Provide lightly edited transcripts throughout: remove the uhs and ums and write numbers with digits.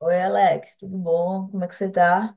Oi, Alex, tudo bom? Como é que você tá?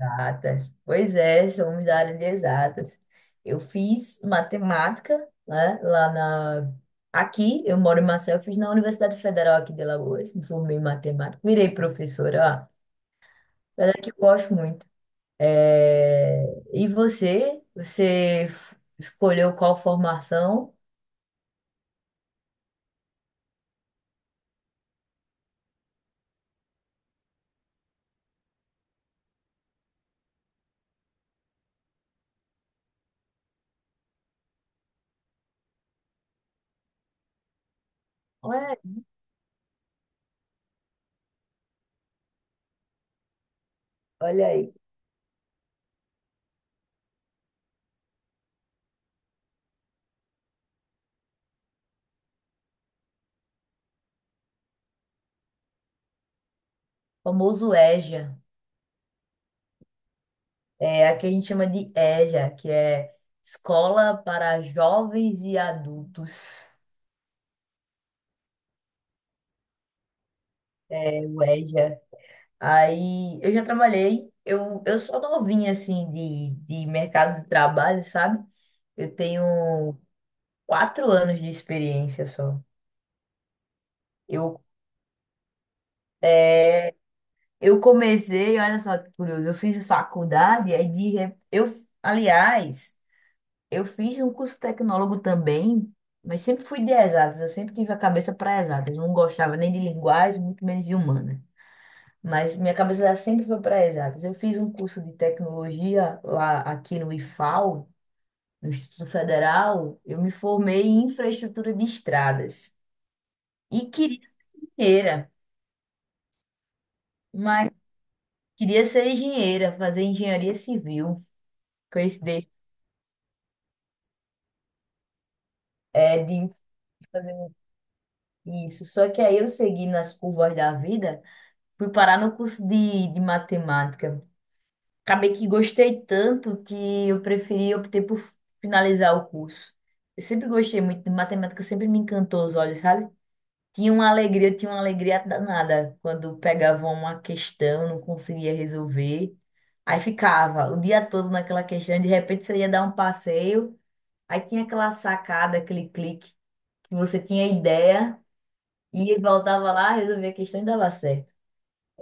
Exatas. Pois é, somos da área de exatas. Eu fiz matemática, né, aqui, eu moro em Maceió, eu fiz na Universidade Federal aqui de Alagoas, me formei em matemática, virei professora, ó, era que eu gosto muito. É, E você? Você escolheu qual formação? Ué, olha aí, famoso EJA. É, aqui a gente chama de EJA, que é Escola para Jovens e Adultos, é o EJA. Aí eu já trabalhei, eu sou novinha assim de mercado de trabalho, sabe? Eu tenho 4 anos de experiência só. Eu, eu comecei, olha só que curioso, eu fiz faculdade, aí de, re- eu, aliás. Eu fiz um curso tecnólogo também, mas sempre fui de exatas. Eu sempre tive a cabeça para exatas. Não gostava nem de linguagem, muito menos de humana. Mas minha cabeça sempre foi para exatas. Eu fiz um curso de tecnologia lá aqui no IFAL, no Instituto Federal. Eu me formei em infraestrutura de estradas e queria ser engenheira, mas fazer engenharia civil. Coincidência, é de fazer isso. Só que aí eu segui nas curvas da vida. Fui parar no curso de matemática. Acabei que gostei tanto que eu preferi optei por finalizar o curso. Eu sempre gostei muito de matemática, sempre me encantou os olhos, sabe? Tinha uma alegria danada quando pegava uma questão, não conseguia resolver. Aí ficava o dia todo naquela questão, de repente você ia dar um passeio, aí tinha aquela sacada, aquele clique que você tinha ideia e voltava lá, resolvia a questão e dava certo.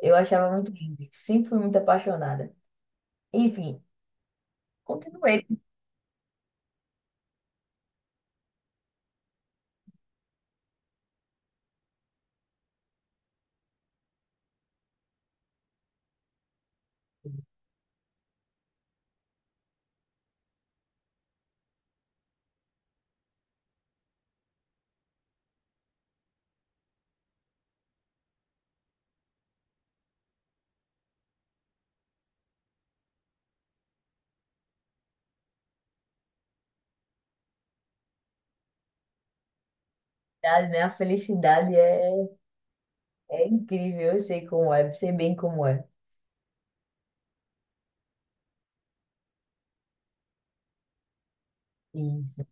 Eu achava muito lindo. Sempre fui muito apaixonada. Enfim, continuei com a idade, né? A felicidade é incrível. Eu sei como é, sei bem como é. Isso.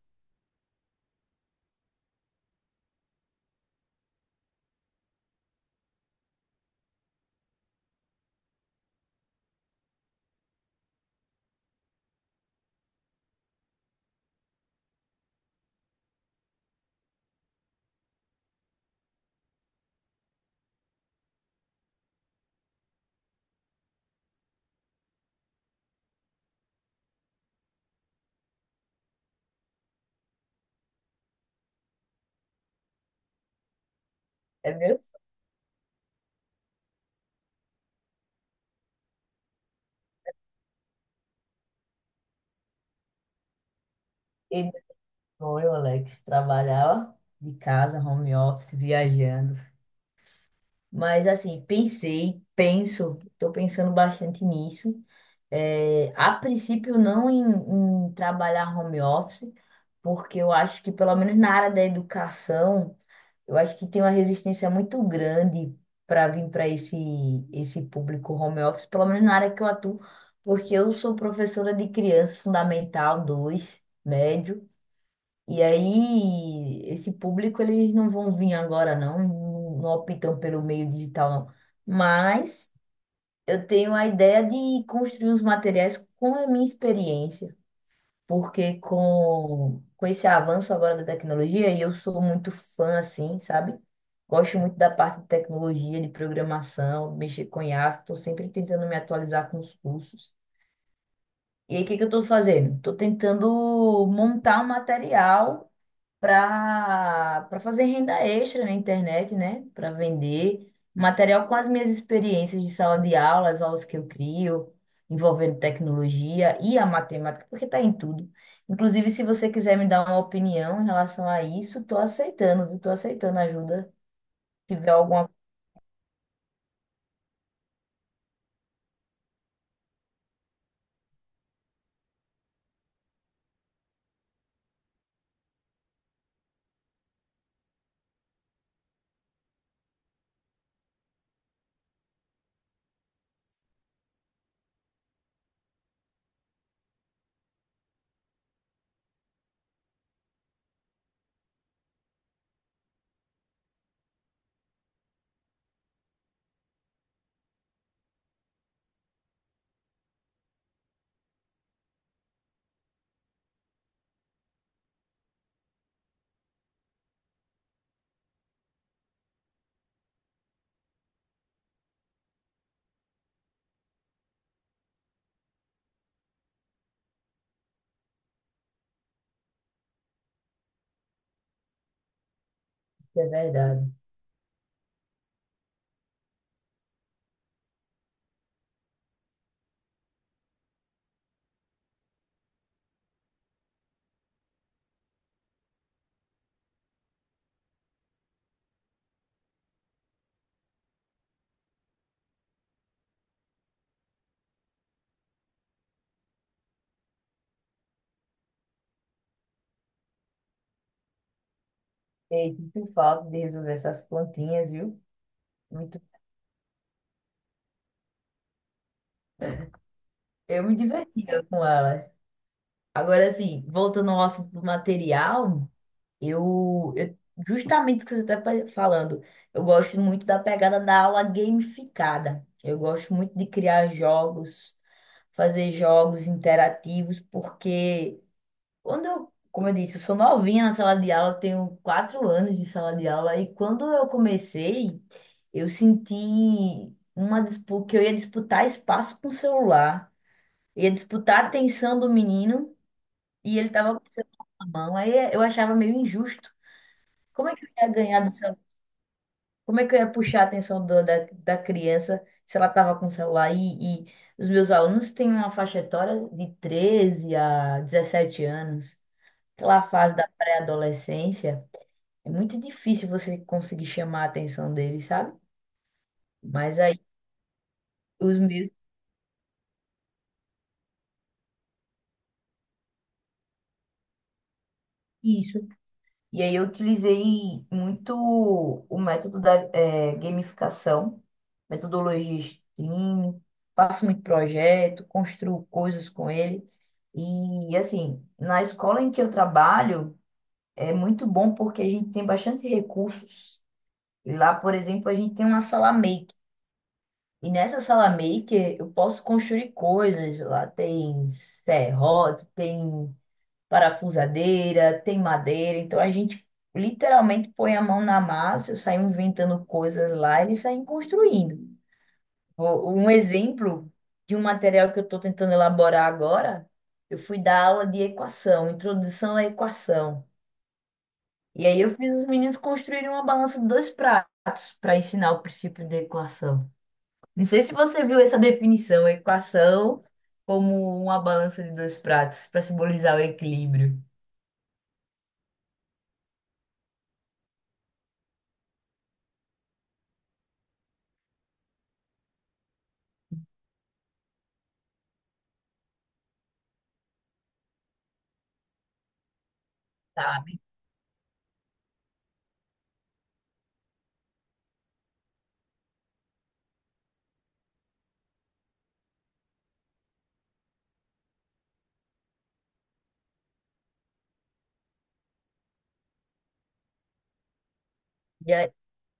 É meu, e meu sonho, Alex, trabalhar de casa, home office, viajando. Mas assim, pensei, penso, estou pensando bastante nisso. É, a princípio, não em, em trabalhar home office, porque eu acho que pelo menos na área da educação. Eu acho que tem uma resistência muito grande para vir para esse público home office, pelo menos na área que eu atuo, porque eu sou professora de criança fundamental 2 médio, e aí esse público eles não vão vir agora não, não não optam pelo meio digital não. Mas eu tenho a ideia de construir os materiais com a minha experiência porque com esse avanço agora da tecnologia, e eu sou muito fã, assim, sabe? Gosto muito da parte de tecnologia, de programação, mexer com IA, estou sempre tentando me atualizar com os cursos. E aí, o que que eu estou fazendo? Estou tentando montar um material para fazer renda extra na internet, né? Para vender material com as minhas experiências de sala de aula, as aulas que eu crio, envolvendo tecnologia e a matemática, porque está em tudo. Inclusive, se você quiser me dar uma opinião em relação a isso, estou aceitando, viu? Estou aceitando ajuda, se tiver alguma coisa que é verdade. E sinto falta de resolver essas plantinhas, viu? Muito. Eu me divertia com elas. Agora, assim, voltando ao assunto do material, Eu, eu- justamente o que você está falando, eu gosto muito da pegada da aula gamificada. Eu gosto muito de criar jogos, fazer jogos interativos, porque quando eu, como eu disse, eu sou novinha na sala de aula, eu tenho 4 anos de sala de aula, e quando eu comecei, eu senti uma disputa, que eu ia disputar espaço com o celular, ia disputar a atenção do menino, e ele estava com o celular na mão, aí eu achava meio injusto. Como é que eu ia ganhar do celular? Como é que eu ia puxar a atenção do- da, da criança se ela estava com o celular? E os meus alunos têm uma faixa etária de 13 a 17 anos, aquela fase da pré-adolescência. É muito difícil você conseguir chamar a atenção deles, sabe? Mas aí os meus. Isso, e aí eu utilizei muito o método da gamificação, metodologia Steam, faço muito projeto, construo coisas com ele. E assim, na escola em que eu trabalho, é muito bom porque a gente tem bastante recursos. E lá, por exemplo, a gente tem uma sala maker. E nessa sala maker eu posso construir coisas. Lá tem serrote, tem parafusadeira, tem madeira. Então a gente literalmente põe a mão na massa, sai inventando coisas lá, eles saem construindo. Um exemplo de um material que eu estou tentando elaborar agora, eu fui dar aula de equação, introdução à equação. E aí eu fiz os meninos construírem uma balança de 2 pratos para ensinar o princípio da equação. Não sei se você viu essa definição, equação como uma balança de 2 pratos, para simbolizar o equilíbrio, sabe?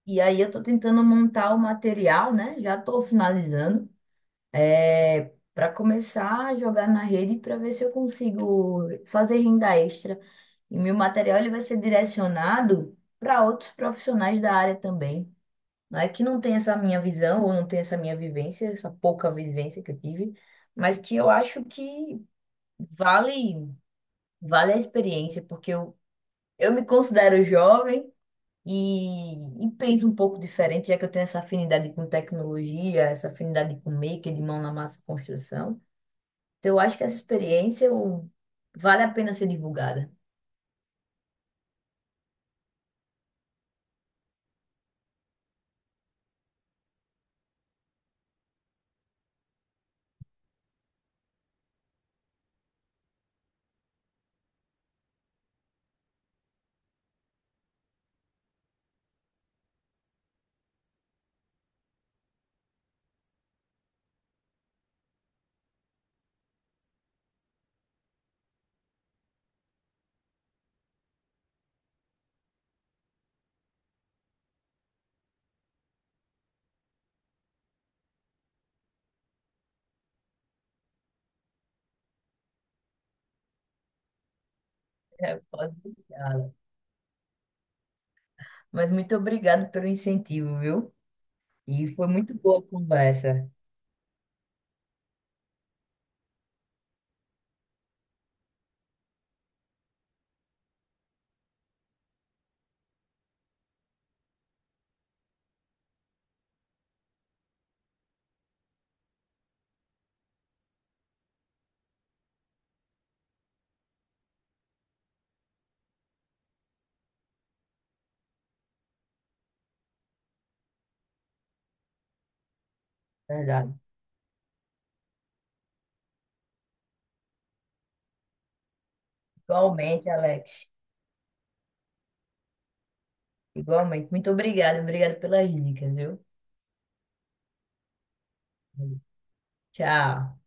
E aí eu tô tentando montar o material, né? Já tô finalizando. É, para começar a jogar na rede para ver se eu consigo fazer renda extra. E meu material ele vai ser direcionado para outros profissionais da área também. Não é que não tem essa minha visão ou não tem essa minha vivência, essa pouca vivência que eu tive, mas que eu acho que vale vale a experiência, porque eu me considero jovem e, e penso um pouco diferente, já que eu tenho essa afinidade com tecnologia, essa afinidade com maker, de mão na massa, e construção. Então, eu acho que essa experiência vale a pena ser divulgada. É, pode deixar. Mas muito obrigado pelo incentivo, viu? E foi muito boa a conversa, verdade. Igualmente, Alex. Igualmente. Muito obrigado, obrigado pelas dicas, viu? Tchau.